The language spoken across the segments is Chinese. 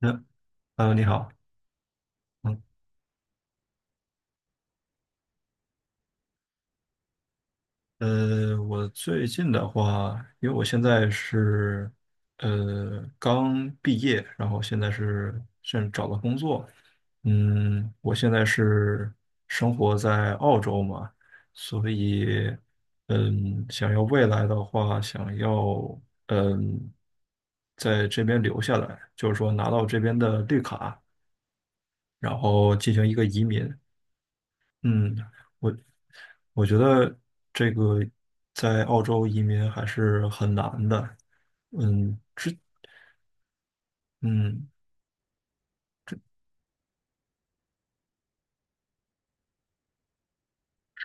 嗯，你好。嗯，我最近的话，因为我现在是刚毕业，然后现在找到工作。我现在是生活在澳洲嘛，所以想要未来的话，想要嗯在这边留下来，就是说拿到这边的绿卡，然后进行一个移民。嗯，我我觉得这个在澳洲移民还是很难的。嗯，之嗯，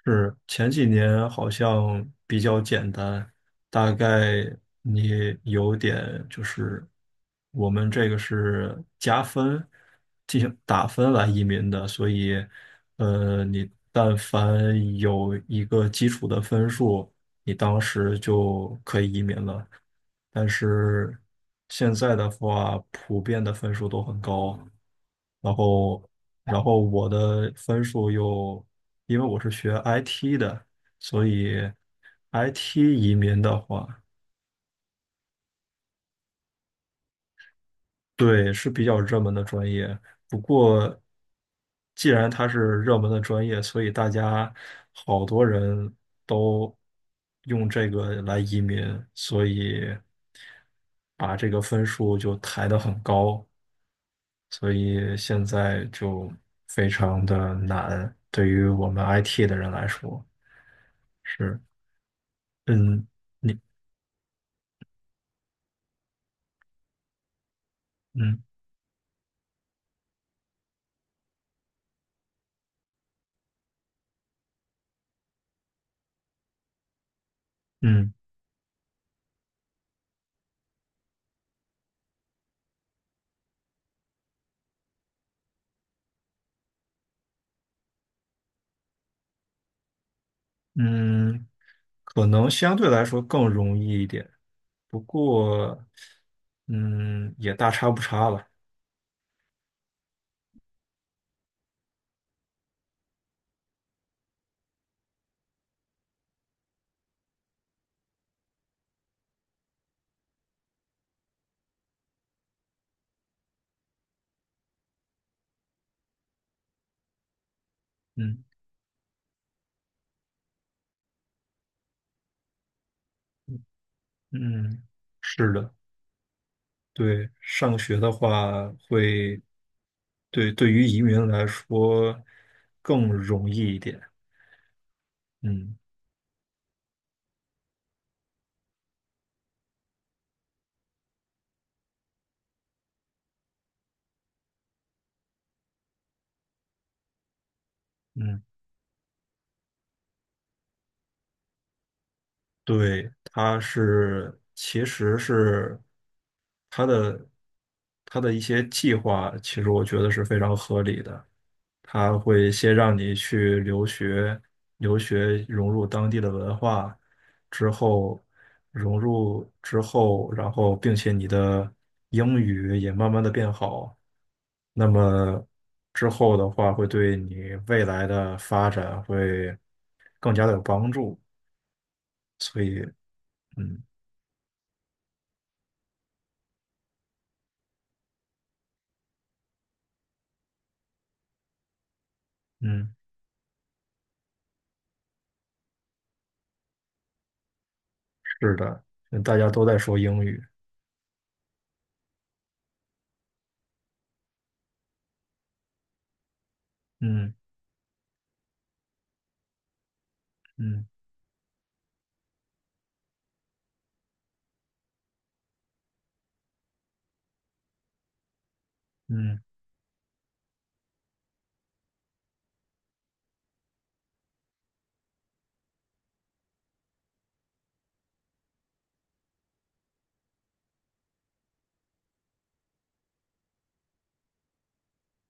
是前几年好像比较简单，大概你有点就是我们这个是加分进行打分来移民的，所以你但凡有一个基础的分数，你当时就可以移民了。但是现在的话，普遍的分数都很高。然后，然后我的分数又，因为我是学 IT 的，所以 IT 移民的话，对，是比较热门的专业。不过，既然它是热门的专业，所以大家好多人都用这个来移民，所以把这个分数就抬得很高。所以现在就非常的难，对于我们 IT 的人来说是，嗯，你，嗯嗯嗯，可能相对来说更容易一点，不过，也大差不差了。嗯嗯，是的，对，上学的话会，对，对于移民来说更容易一点，嗯嗯。对，其实是它的它的一些计划，其实我觉得是非常合理的。它会先让你去留学，留学融入当地的文化，之后融入之后，然后并且你的英语也慢慢的变好，那么之后的话会对你未来的发展会更加的有帮助。嗯嗯。是的，大家都在说英语。嗯嗯嗯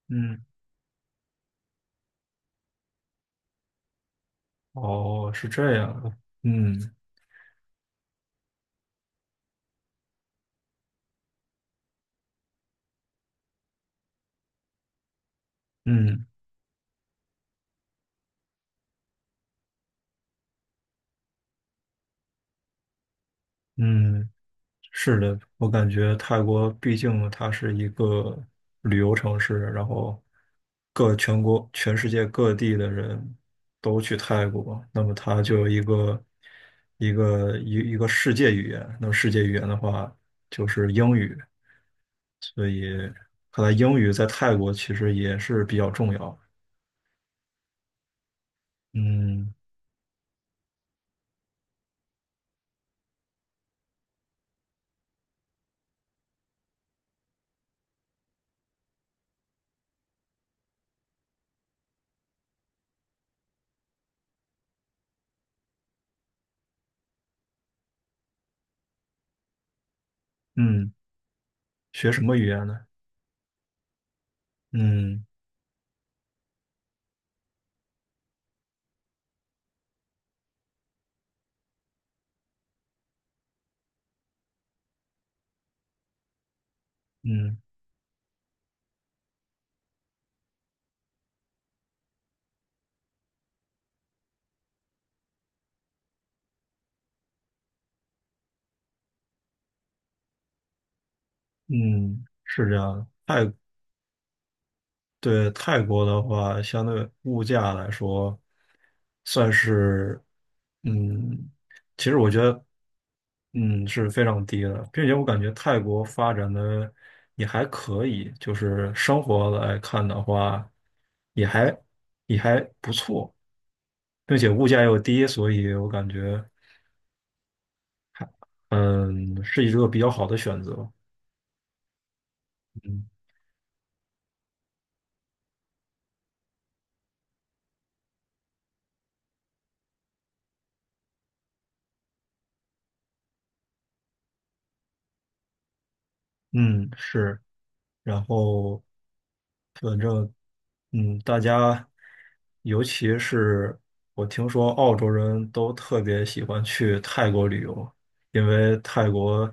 嗯，哦，是这样的。嗯嗯嗯，是的，我感觉泰国毕竟它是一个旅游城市，然后各全国、全世界各地的人都去泰国，那么它就有一个世界语言。那么世界语言的话，就是英语。看来英语在泰国其实也是比较重要。嗯嗯。学什么语言呢？嗯嗯嗯，是这样的。对泰国的话，相对物价来说，算是，嗯，其实我觉得是非常低的，并且我感觉泰国发展的也还可以，就是生活来看的话，也还也还不错，并且物价又低，所以我感觉嗯是一个比较好的选择。嗯嗯是。然后反正大家尤其是我听说澳洲人都特别喜欢去泰国旅游，因为泰国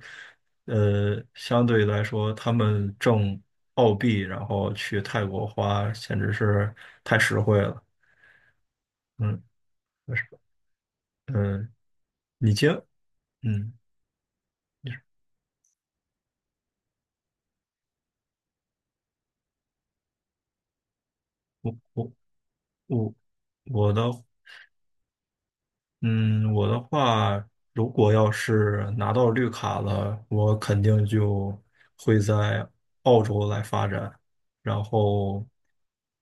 相对来说他们挣澳币，然后去泰国花简直是太实惠了。嗯，就是，嗯，你接，嗯，你说我我我我的。嗯，我的话，如果要是拿到绿卡了，我肯定就会在澳洲来发展，然后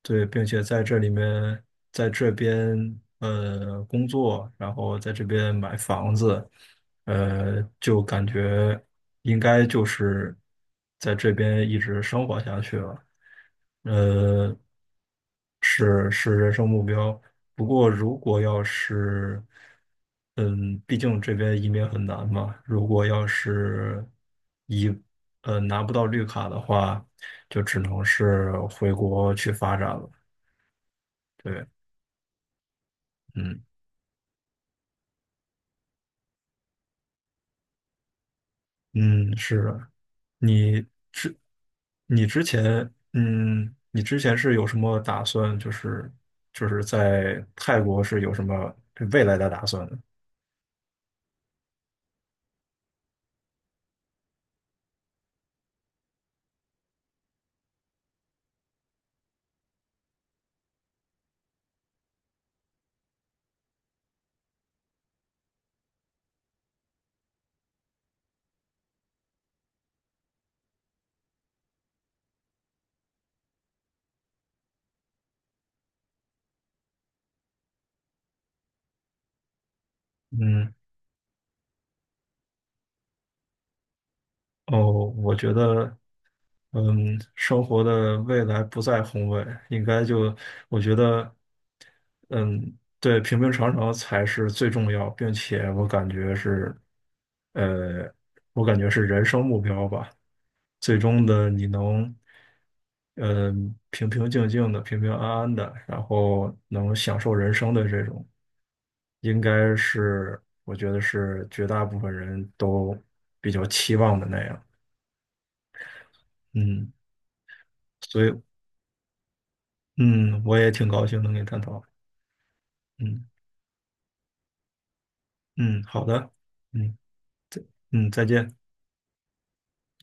对，并且在这里面，在这边工作，然后在这边买房子，就感觉应该就是在这边一直生活下去了，呃，是人生目标。不过如果要是，毕竟这边移民很难嘛，如果要是移，拿不到绿卡的话，就只能是回国去发展了。对，嗯。嗯，是的，你之你之前是有什么打算？就是在泰国是有什么未来的打算嗯。哦，我觉得，生活的未来不在宏伟，应该就，我觉得，对，平平常常才是最重要，并且我感觉是，呃，我感觉是人生目标吧。最终的你能，呃，平平静静的、平平安安的，然后能享受人生的这种，应该是我觉得是绝大部分人都比较期望的那样。嗯，所以嗯，我也挺高兴能跟你探讨。嗯嗯，好的，嗯嗯，再见。